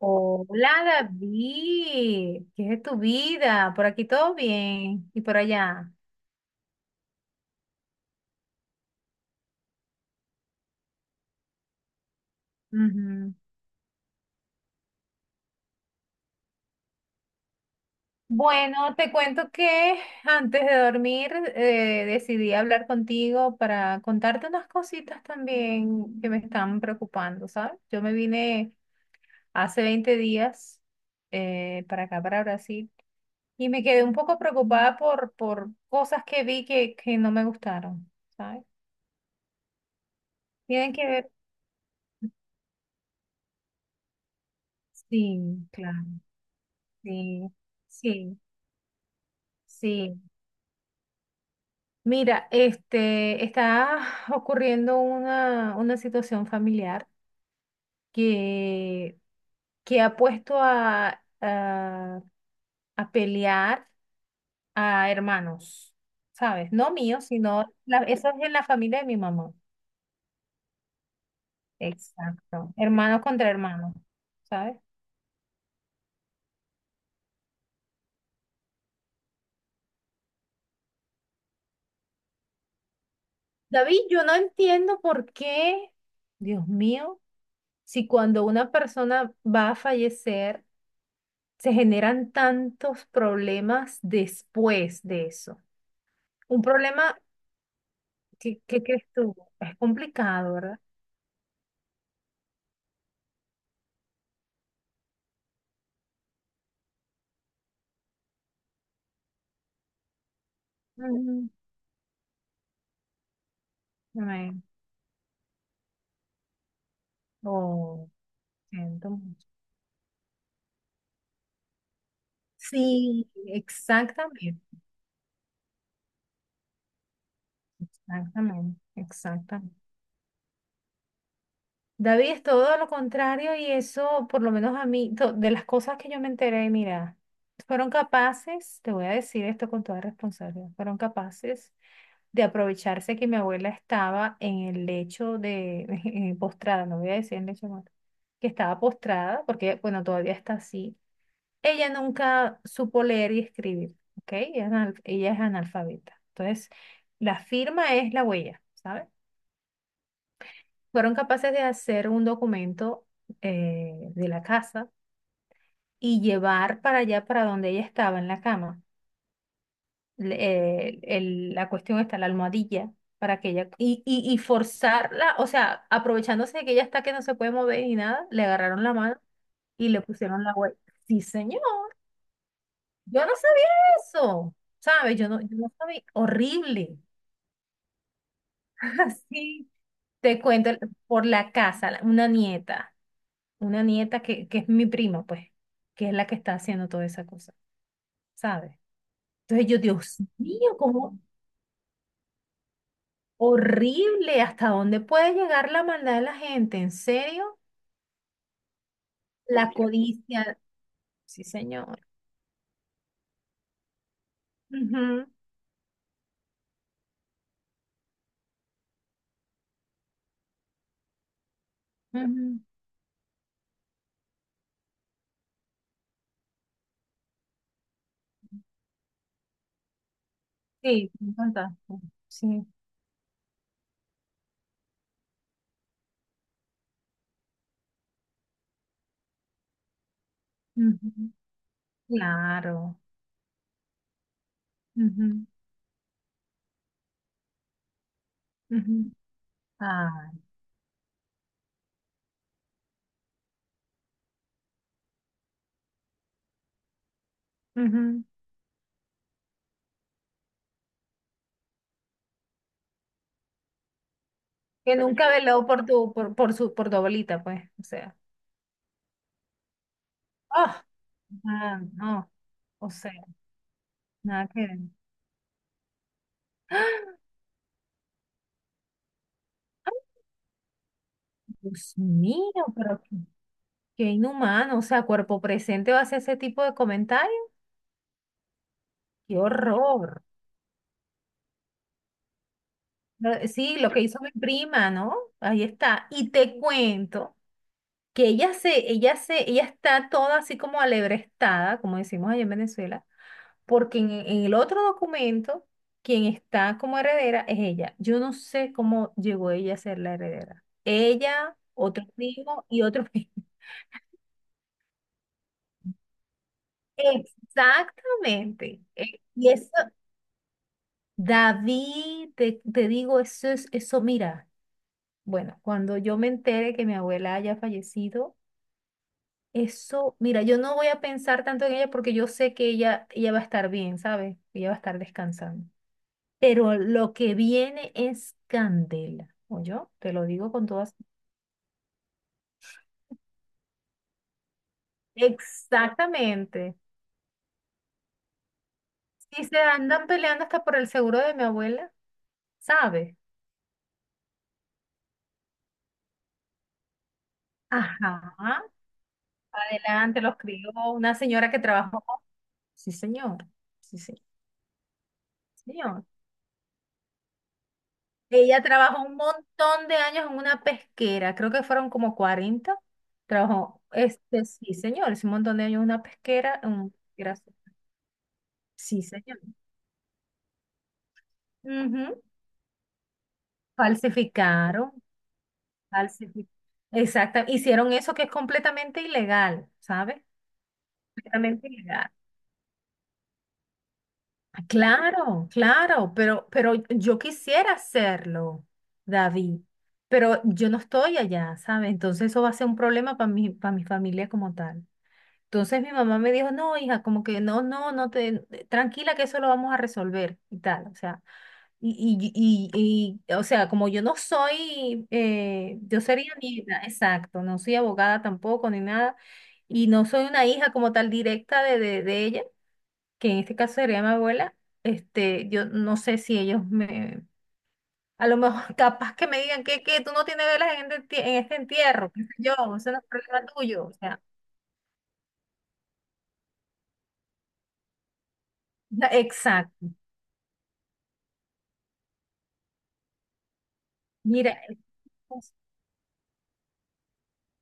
Hola David, ¿qué es de tu vida? Por aquí todo bien y por allá. Ujú. Bueno, te cuento que antes de dormir decidí hablar contigo para contarte unas cositas también que me están preocupando, ¿sabes? Yo me vine hace 20 días para acá, para Brasil, y me quedé un poco preocupada por cosas que vi que no me gustaron, ¿sabes? Tienen que ver, sí, claro. Sí, sí, sí. Mira, está ocurriendo una situación familiar que, que ha puesto a pelear a hermanos, ¿sabes? No míos, eso es en la familia de mi mamá. Exacto. Hermanos contra hermanos, ¿sabes? David, yo no entiendo por qué, Dios mío, si cuando una persona va a fallecer, se generan tantos problemas después de eso. Un problema, ¿qué crees tú? Es complicado, ¿verdad? Mm, amén. Oh, siento mucho. Sí, exactamente, exactamente, exactamente. David es todo lo contrario y eso, por lo menos a mí, de las cosas que yo me enteré, mira, fueron capaces, te voy a decir esto con toda responsabilidad, fueron capaces de aprovecharse que mi abuela estaba en el lecho de postrada, no voy a decir en lecho de muerte, que estaba postrada, porque bueno, todavía está así. Ella nunca supo leer y escribir, ¿ok? Ella es analfabeta. Entonces, la firma es la huella, ¿sabes? Fueron capaces de hacer un documento de la casa y llevar para allá, para donde ella estaba en la cama. le- la cuestión está la almohadilla para que ella y forzarla, o sea, aprovechándose de que ella está que no se puede mover ni nada, le agarraron la mano y le pusieron la huella. Sí, señor, yo no sabía eso, ¿sabes? Yo no sabía, horrible. Así te cuento por la casa, una nieta que es mi prima, pues, que es la que está haciendo toda esa cosa, ¿sabes? Entonces yo, Dios mío, ¿cómo? Horrible, ¿hasta dónde puede llegar la maldad de la gente? ¿En serio? La codicia. Sí, señor. Ujú, ujú. Sí, me contaste. Sí. Ujú. Claro. Ujú, ujú. Ay, ujú. Que nunca veló por tu, por su, por tu abuelita, pues. O sea. Ah, ah, no. O sea, nada que ver. ¡Ah! Dios mío, pero qué, qué inhumano. O sea, cuerpo presente va a hacer ese tipo de comentarios. Qué horror. Sí, lo que hizo mi prima, ¿no? Ahí está. Y te cuento que ella está toda así como alebrestada, como decimos allá en Venezuela, porque en el otro documento, quien está como heredera es ella. Yo no sé cómo llegó ella a ser la heredera. Ella, otro primo y otro primo. Exactamente. Y eso, David, te digo, eso es, eso, mira. Bueno, cuando yo me entere que mi abuela haya fallecido, eso, mira, yo no voy a pensar tanto en ella porque yo sé que ella va a estar bien, ¿sabes? Ella va a estar descansando. Pero lo que viene es candela, o yo te lo digo con todas. Exactamente. Si se andan peleando hasta por el seguro de mi abuela, ¿sabes? Ajá. Adelante, los crió una señora que trabajó. Sí, señor. Sí, sí, señor. Ella trabajó un montón de años en una pesquera, creo que fueron como 40 Trabajó, sí, señor, es un montón de años en una pesquera, Sí, señor. Ujú. Falsificaron, falsificaron. Exacto, hicieron eso que es completamente ilegal, ¿sabes? Completamente ilegal. Ah, claro, claro, pero yo quisiera hacerlo, David, pero yo no estoy allá, ¿sabes? Entonces eso va a ser un problema para mi familia como tal. Entonces mi mamá me dijo, no, hija, como que no, no, tranquila que eso lo vamos a resolver y tal, o sea, y, o sea, como yo no soy, yo sería nieta, exacto, no soy abogada tampoco ni nada, y no soy una hija como tal directa de ella, que en este caso sería mi abuela, yo no sé si ellos me, a lo mejor capaz que me digan que tú no tienes velas en este, entierro, qué sé yo, eso no es problema tuyo, o sea, exacto, mira.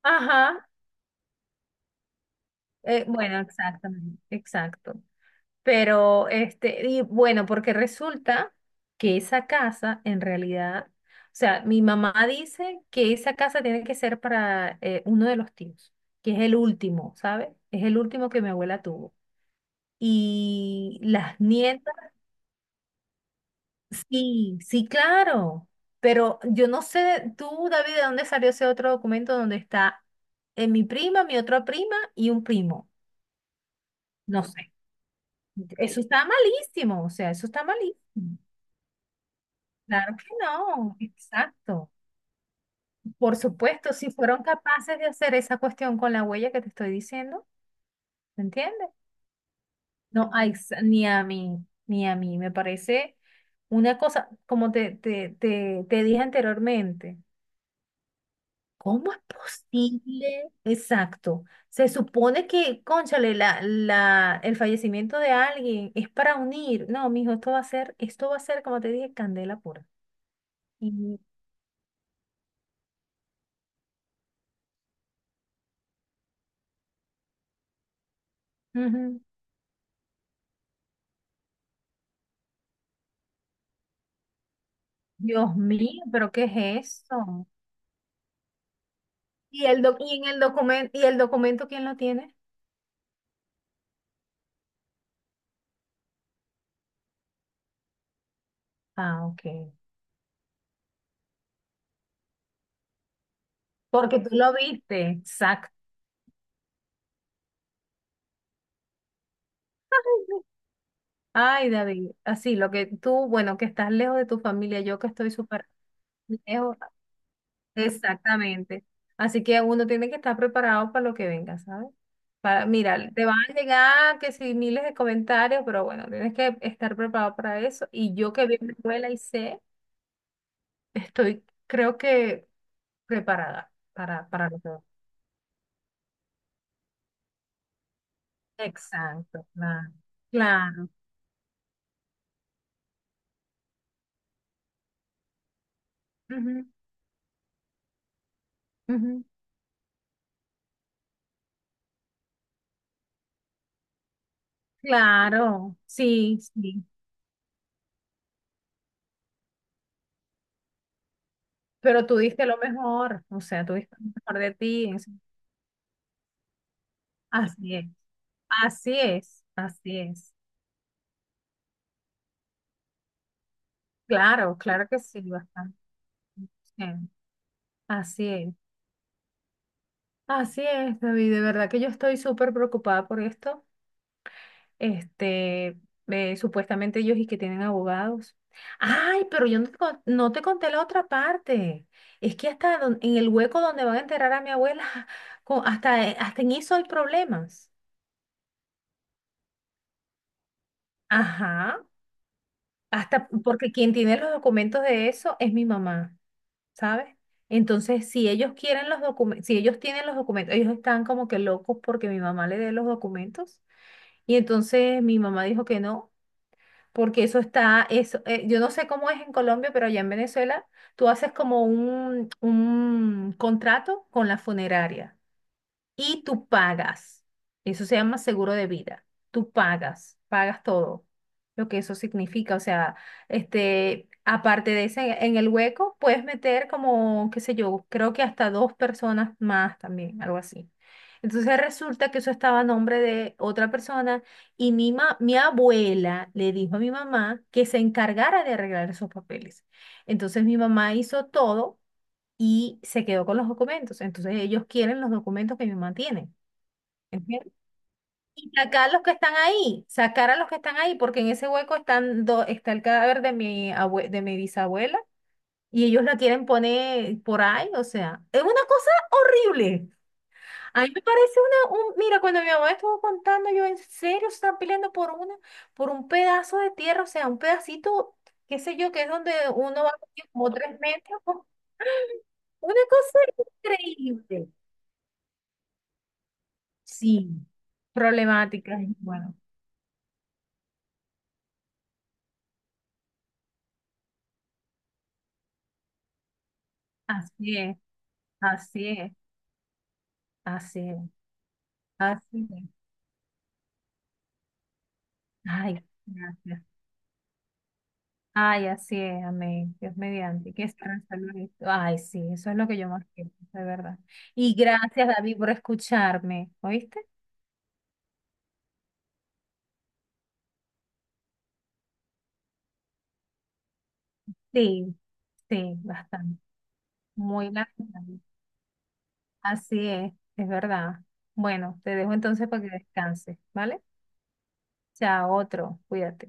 Ajá, bueno, exactamente, exacto. Pero, y bueno, porque resulta que esa casa, en realidad, o sea, mi mamá dice que esa casa tiene que ser para uno de los tíos, que es el último, ¿sabes? Es el último que mi abuela tuvo. Y las nietas, sí, sí, claro. Pero yo no sé, tú, David, ¿de dónde salió ese otro documento donde está mi prima, mi otra prima y un primo? No sé. Eso está malísimo, o sea, eso está malísimo. Claro que no, exacto. Por supuesto, si fueron capaces de hacer esa cuestión con la huella que te estoy diciendo, ¿me entiendes? No, a ex- ni a mí, ni a mí, me parece una cosa, como te dije anteriormente, ¿cómo es posible? Exacto. Se supone que, cónchale, el fallecimiento de alguien es para unir. No, mijo, esto va a ser, esto va a ser, como te dije, candela pura. Y Ujú. Dios mío, pero ¿qué es eso? ¿Y y en el documento, y el documento quién lo tiene? Ah, ok. Porque tú lo viste, exacto. Ay, David, así lo que tú, bueno, que estás lejos de tu familia, yo que estoy súper lejos, exactamente. Así que uno tiene que estar preparado para lo que venga, ¿sabes? Para, mira, te van a llegar que si miles de comentarios, pero bueno, tienes que estar preparado para eso. Y yo que vivo en escuela y sé, estoy, creo que preparada para lo que va. Exacto, claro, claro, ujú, ujú, claro, sí, sí, pero tú diste lo mejor, o sea, tú diste lo mejor de ti, es- así es, así es, así es, claro, claro que sí, bastante, así es, así es, David, de verdad que yo estoy súper preocupada por esto. Este, Supuestamente ellos y que tienen abogados. Ay, pero yo no te conté la otra parte. Es que en el hueco donde van a enterrar a mi abuela, hasta en eso hay problemas. Ajá, hasta porque quien tiene los documentos de eso es mi mamá, ¿sabes? Entonces, si ellos quieren los documentos, si ellos tienen los documentos, ellos están como que locos porque mi mamá le dé los documentos. Y entonces mi mamá dijo que no. Porque eso está, eso, yo no sé cómo es en Colombia, pero allá en Venezuela tú haces como un contrato con la funeraria y tú pagas. Eso se llama seguro de vida. Tú pagas, pagas todo lo que eso significa. O sea, aparte de ese, en el hueco puedes meter como, qué sé yo, creo que hasta dos personas más también, algo así. Entonces resulta que eso estaba a nombre de otra persona y mi abuela le dijo a mi mamá que se encargara de arreglar esos papeles. Entonces mi mamá hizo todo y se quedó con los documentos. Entonces ellos quieren los documentos que mi mamá tiene. ¿Entiendes? Y sacar los que están ahí, sacar a los que están ahí, porque en ese hueco está el cadáver de mi bisabuela y ellos la quieren poner por ahí, o sea, es una cosa horrible. A mí me parece mira, cuando mi mamá estuvo contando, yo en serio se están peleando por un pedazo de tierra, o sea, un pedacito, qué sé yo, que es donde uno va a como 3 metros, una cosa increíble. Sí, problemáticas. Y bueno, así es, así es, así es, así es. Ay, gracias. Ay, así es, amén. Dios mediante. Que estará salud esto. Ay, sí, eso es lo que yo más quiero, de verdad. Y gracias, David, por escucharme. ¿Oíste? Sí, sí, bastante. Muy lamentable. Así es verdad. Bueno, te dejo entonces para que descanses, ¿vale? Chao, otro. Cuídate.